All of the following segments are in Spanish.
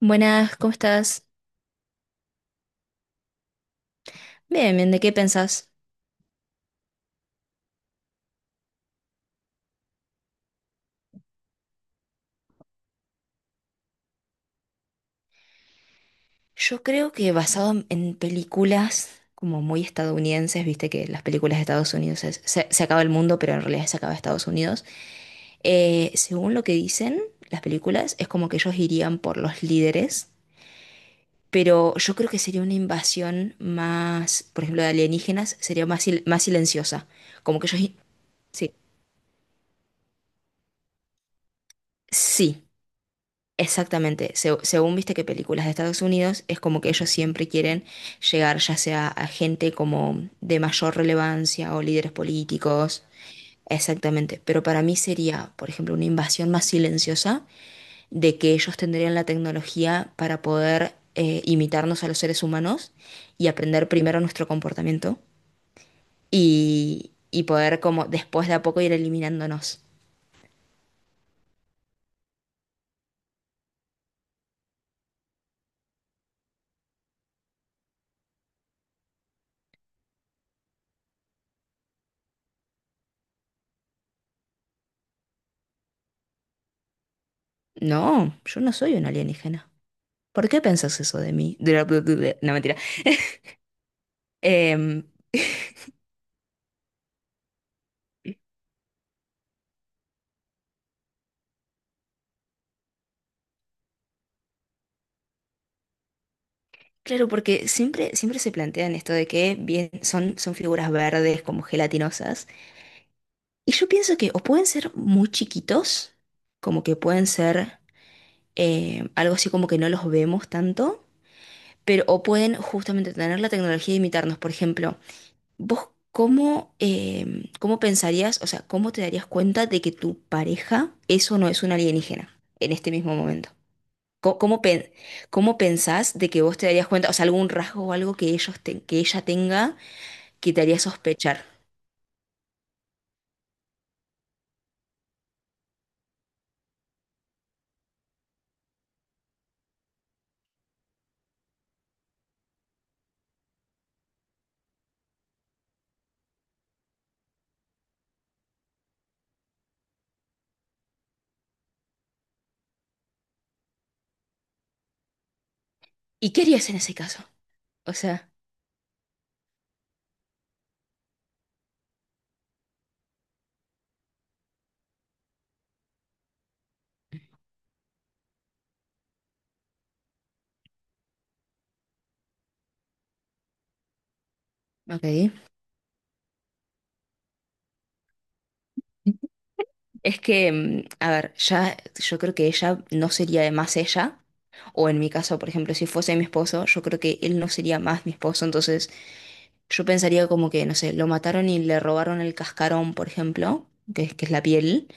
Buenas, ¿cómo estás? Bien, bien, ¿de qué pensás? Yo creo que basado en películas como muy estadounidenses, viste que las películas de Estados Unidos se acaba el mundo, pero en realidad se acaba Estados Unidos. Según lo que dicen las películas, es como que ellos irían por los líderes, pero yo creo que sería una invasión más, por ejemplo, de alienígenas, sería más, más silenciosa. Como que ellos... Sí, sí, exactamente, según viste que películas de Estados Unidos es como que ellos siempre quieren llegar ya sea a gente como de mayor relevancia o líderes políticos, exactamente, pero para mí sería, por ejemplo, una invasión más silenciosa de que ellos tendrían la tecnología para poder imitarnos a los seres humanos y aprender primero nuestro comportamiento y poder como después de a poco ir eliminándonos. No, yo no soy un alienígena. ¿Por qué pensás eso de mí? De la bla, bla, bla. No, mentira. Em, claro, porque siempre, siempre se plantean esto de que bien, son, son figuras verdes como gelatinosas. Y yo pienso que o pueden ser muy chiquitos, como que pueden ser algo así como que no los vemos tanto, pero o pueden justamente tener la tecnología de imitarnos. Por ejemplo, vos cómo, cómo pensarías, o sea, ¿cómo te darías cuenta de que tu pareja eso no es un alienígena en este mismo momento? ¿Cómo, cómo pensás de que vos te darías cuenta, o sea, algún rasgo o algo que que ella tenga que te haría sospechar? ¿Y qué harías en ese caso? O sea, ok. Es que, a ver, ya yo creo que ella no sería más ella, o en mi caso, por ejemplo, si fuese mi esposo, yo creo que él no sería más mi esposo, entonces yo pensaría como que, no sé, lo mataron y le robaron el cascarón, por ejemplo, que es la piel,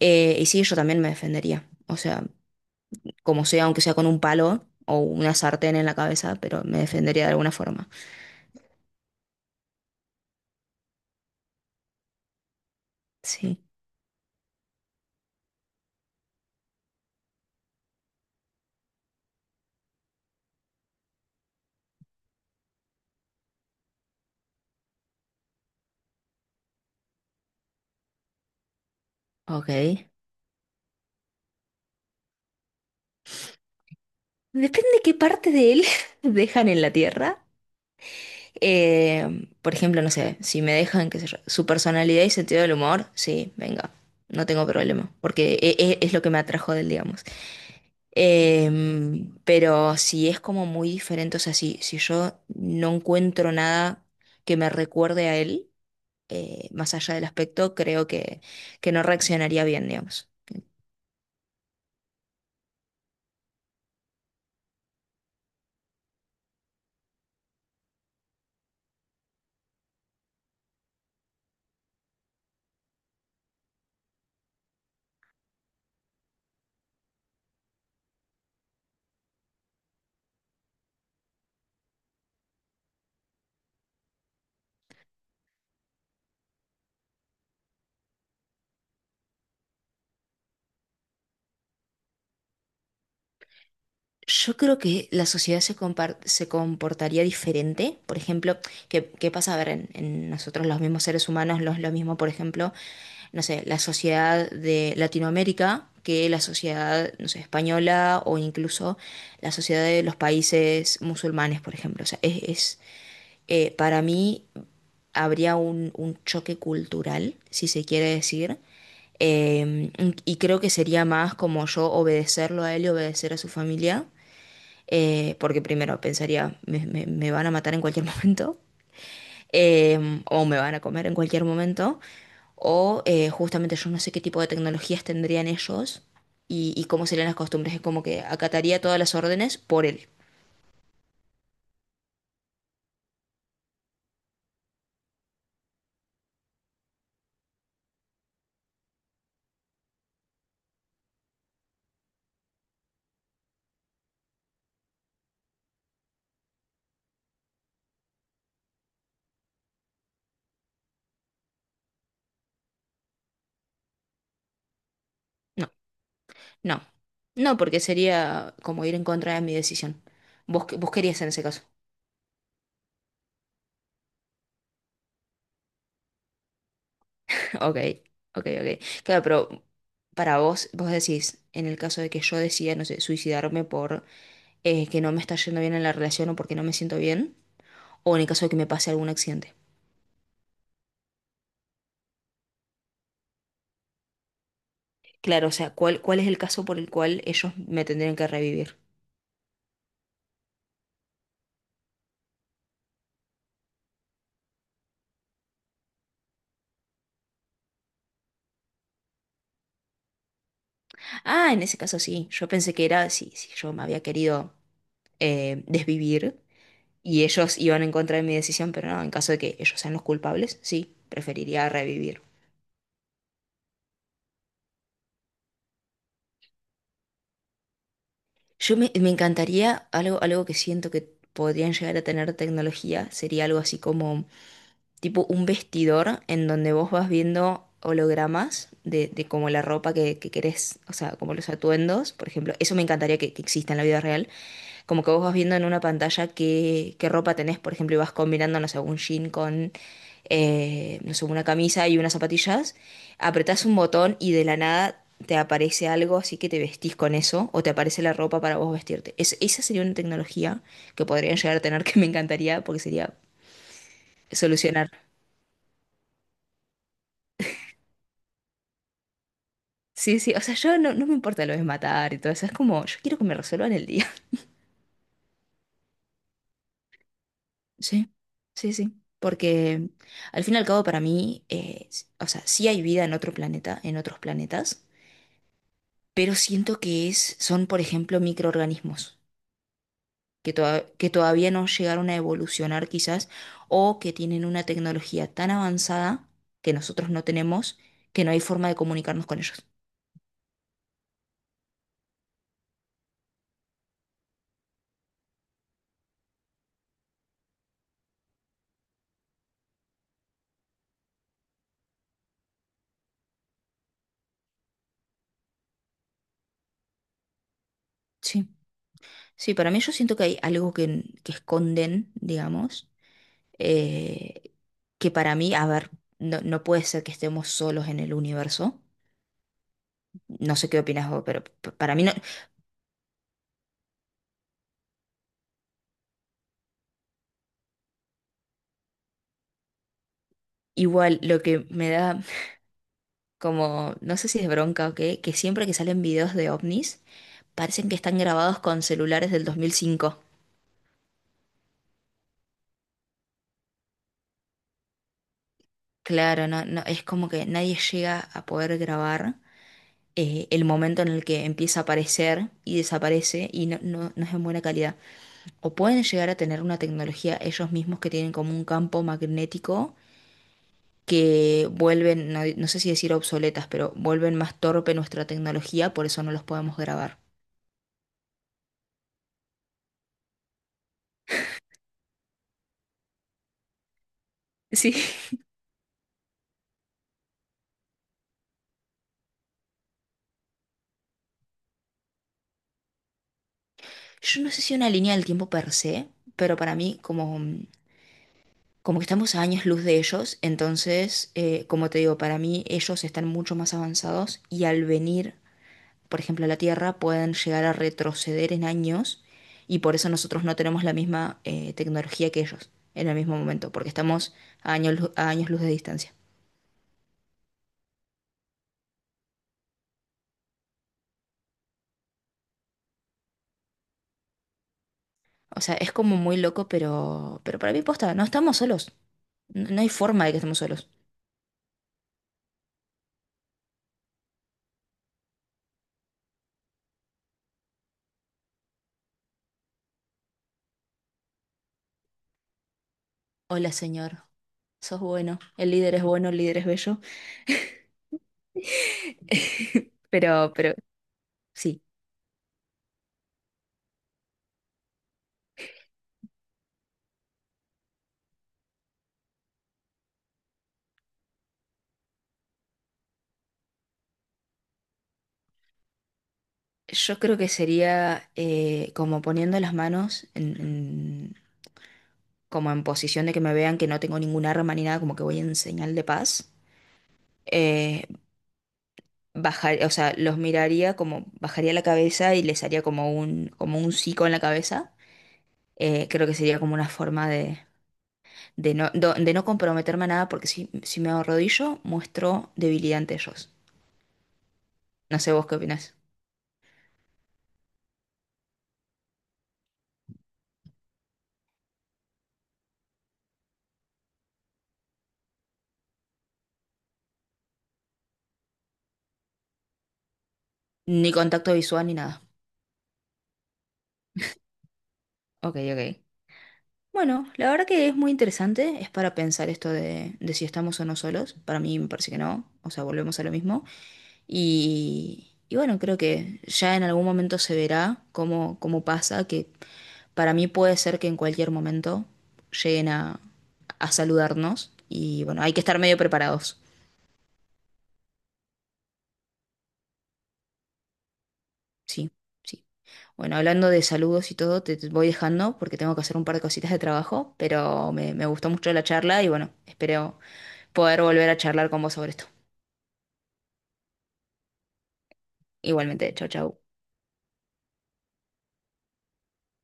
y sí, yo también me defendería. O sea, como sea, aunque sea con un palo o una sartén en la cabeza, pero me defendería de alguna forma. Sí, ok. Depende qué parte de él dejan en la tierra. Por ejemplo, no sé, si me dejan qué sé yo, su personalidad y sentido del humor, sí, venga, no tengo problema, porque es, lo que me atrajo de él, digamos. Pero si es como muy diferente, o sea, si yo no encuentro nada que me recuerde a él, más allá del aspecto, que no reaccionaría bien, digamos. Yo creo que la sociedad se comportaría diferente. Por ejemplo, ¿qué, qué pasa? A ver, en nosotros los mismos seres humanos, los, lo mismo, por ejemplo, no sé, la sociedad de Latinoamérica que la sociedad, no sé, española o incluso la sociedad de los países musulmanes, por ejemplo. O sea, es, para mí habría un choque cultural, si se quiere decir. Eh, y creo que sería más como yo obedecerlo a él y obedecer a su familia porque primero pensaría, me van a matar en cualquier momento, o me van a comer en cualquier momento, o justamente yo no sé qué tipo de tecnologías tendrían ellos y cómo serían las costumbres, es como que acataría todas las órdenes por él. No, no, no, porque sería como ir en contra de mi decisión. Vos, vos querías en ese caso. Ok, ok, ok. Claro, pero para vos, vos decís, en el caso de que yo decida, no sé, suicidarme por que no me está yendo bien en la relación o porque no me siento bien, o en el caso de que me pase algún accidente. Claro, o sea, ¿cuál, cuál es el caso por el cual ellos me tendrían que revivir? Ah, en ese caso sí, yo pensé que era si yo me había querido desvivir y ellos iban en contra de mi decisión, pero no, en caso de que ellos sean los culpables, sí, preferiría revivir. Yo me encantaría algo, algo que siento que podrían llegar a tener tecnología, sería algo así como tipo un vestidor en donde vos vas viendo hologramas de como la ropa que querés, o sea, como los atuendos, por ejemplo. Eso me encantaría que exista en la vida real. Como que vos vas viendo en una pantalla qué, qué ropa tenés, por ejemplo, y vas combinando, no sé, un jean con, no sé, una camisa y unas zapatillas. Apretás un botón y de la nada te aparece algo, así que te vestís con eso, o te aparece la ropa para vos vestirte. Esa sería una tecnología que podrían llegar a tener que me encantaría porque sería solucionar. Sí, sí, o sea, yo no, no me importa lo de matar y todo eso, es como, yo quiero que me resuelvan el día. Sí, sí, sí, porque al fin y al cabo para mí, o sea, sí hay vida en otro planeta, en otros planetas, pero siento que es, son, por ejemplo, microorganismos que, que todavía no llegaron a evolucionar quizás o que tienen una tecnología tan avanzada que nosotros no tenemos que no hay forma de comunicarnos con ellos. Sí, sí, para mí yo siento que hay algo que esconden, digamos eh, que para mí, a ver, no, no puede ser que estemos solos en el universo. No sé qué opinas vos, pero para mí no. Igual lo que me da como, no sé si es bronca o qué, que siempre que salen videos de ovnis, parecen que están grabados con celulares del 2005. Claro, no, no, es como que nadie llega a poder grabar el momento en el que empieza a aparecer y desaparece y no, no, no es en buena calidad. O pueden llegar a tener una tecnología ellos mismos que tienen como un campo magnético que vuelven, no, no sé si decir obsoletas, pero vuelven más torpe nuestra tecnología, por eso no los podemos grabar. Sí. Yo no sé si una línea del tiempo per se, pero para mí como, como que estamos a años luz de ellos, entonces, como te digo, para mí ellos están mucho más avanzados y al venir, por ejemplo, a la Tierra, pueden llegar a retroceder en años y por eso nosotros no tenemos la misma tecnología que ellos en el mismo momento, porque estamos a a años luz de distancia. O sea, es como muy loco, pero para mí posta, no estamos solos. No, no hay forma de que estemos solos. Hola, señor. Sos bueno. El líder es bueno, el líder es bello. Pero sí. Yo creo que sería como poniendo las manos como en posición de que me vean que no tengo ningún arma ni nada, como que voy en señal de paz. Eh, Bajar, o sea, los miraría como, bajaría la cabeza y les haría como un sí con la cabeza. Creo que sería como una forma de de no comprometerme a nada, porque si, si me arrodillo, muestro debilidad ante ellos. No sé vos qué opinás. Ni contacto visual ni nada. Ok, ok. Bueno, la verdad que es muy interesante, es para pensar esto de si estamos o no solos. Para mí me parece que no, o sea, volvemos a lo mismo. Y bueno, creo que ya en algún momento se verá cómo, cómo pasa, que para mí puede ser que en cualquier momento lleguen a saludarnos y bueno, hay que estar medio preparados. Sí, sí. Bueno, hablando de saludos y todo, te voy dejando porque tengo que hacer un par de cositas de trabajo, pero me gustó mucho la charla y bueno, espero poder volver a charlar con vos sobre esto. Igualmente, chau, chau.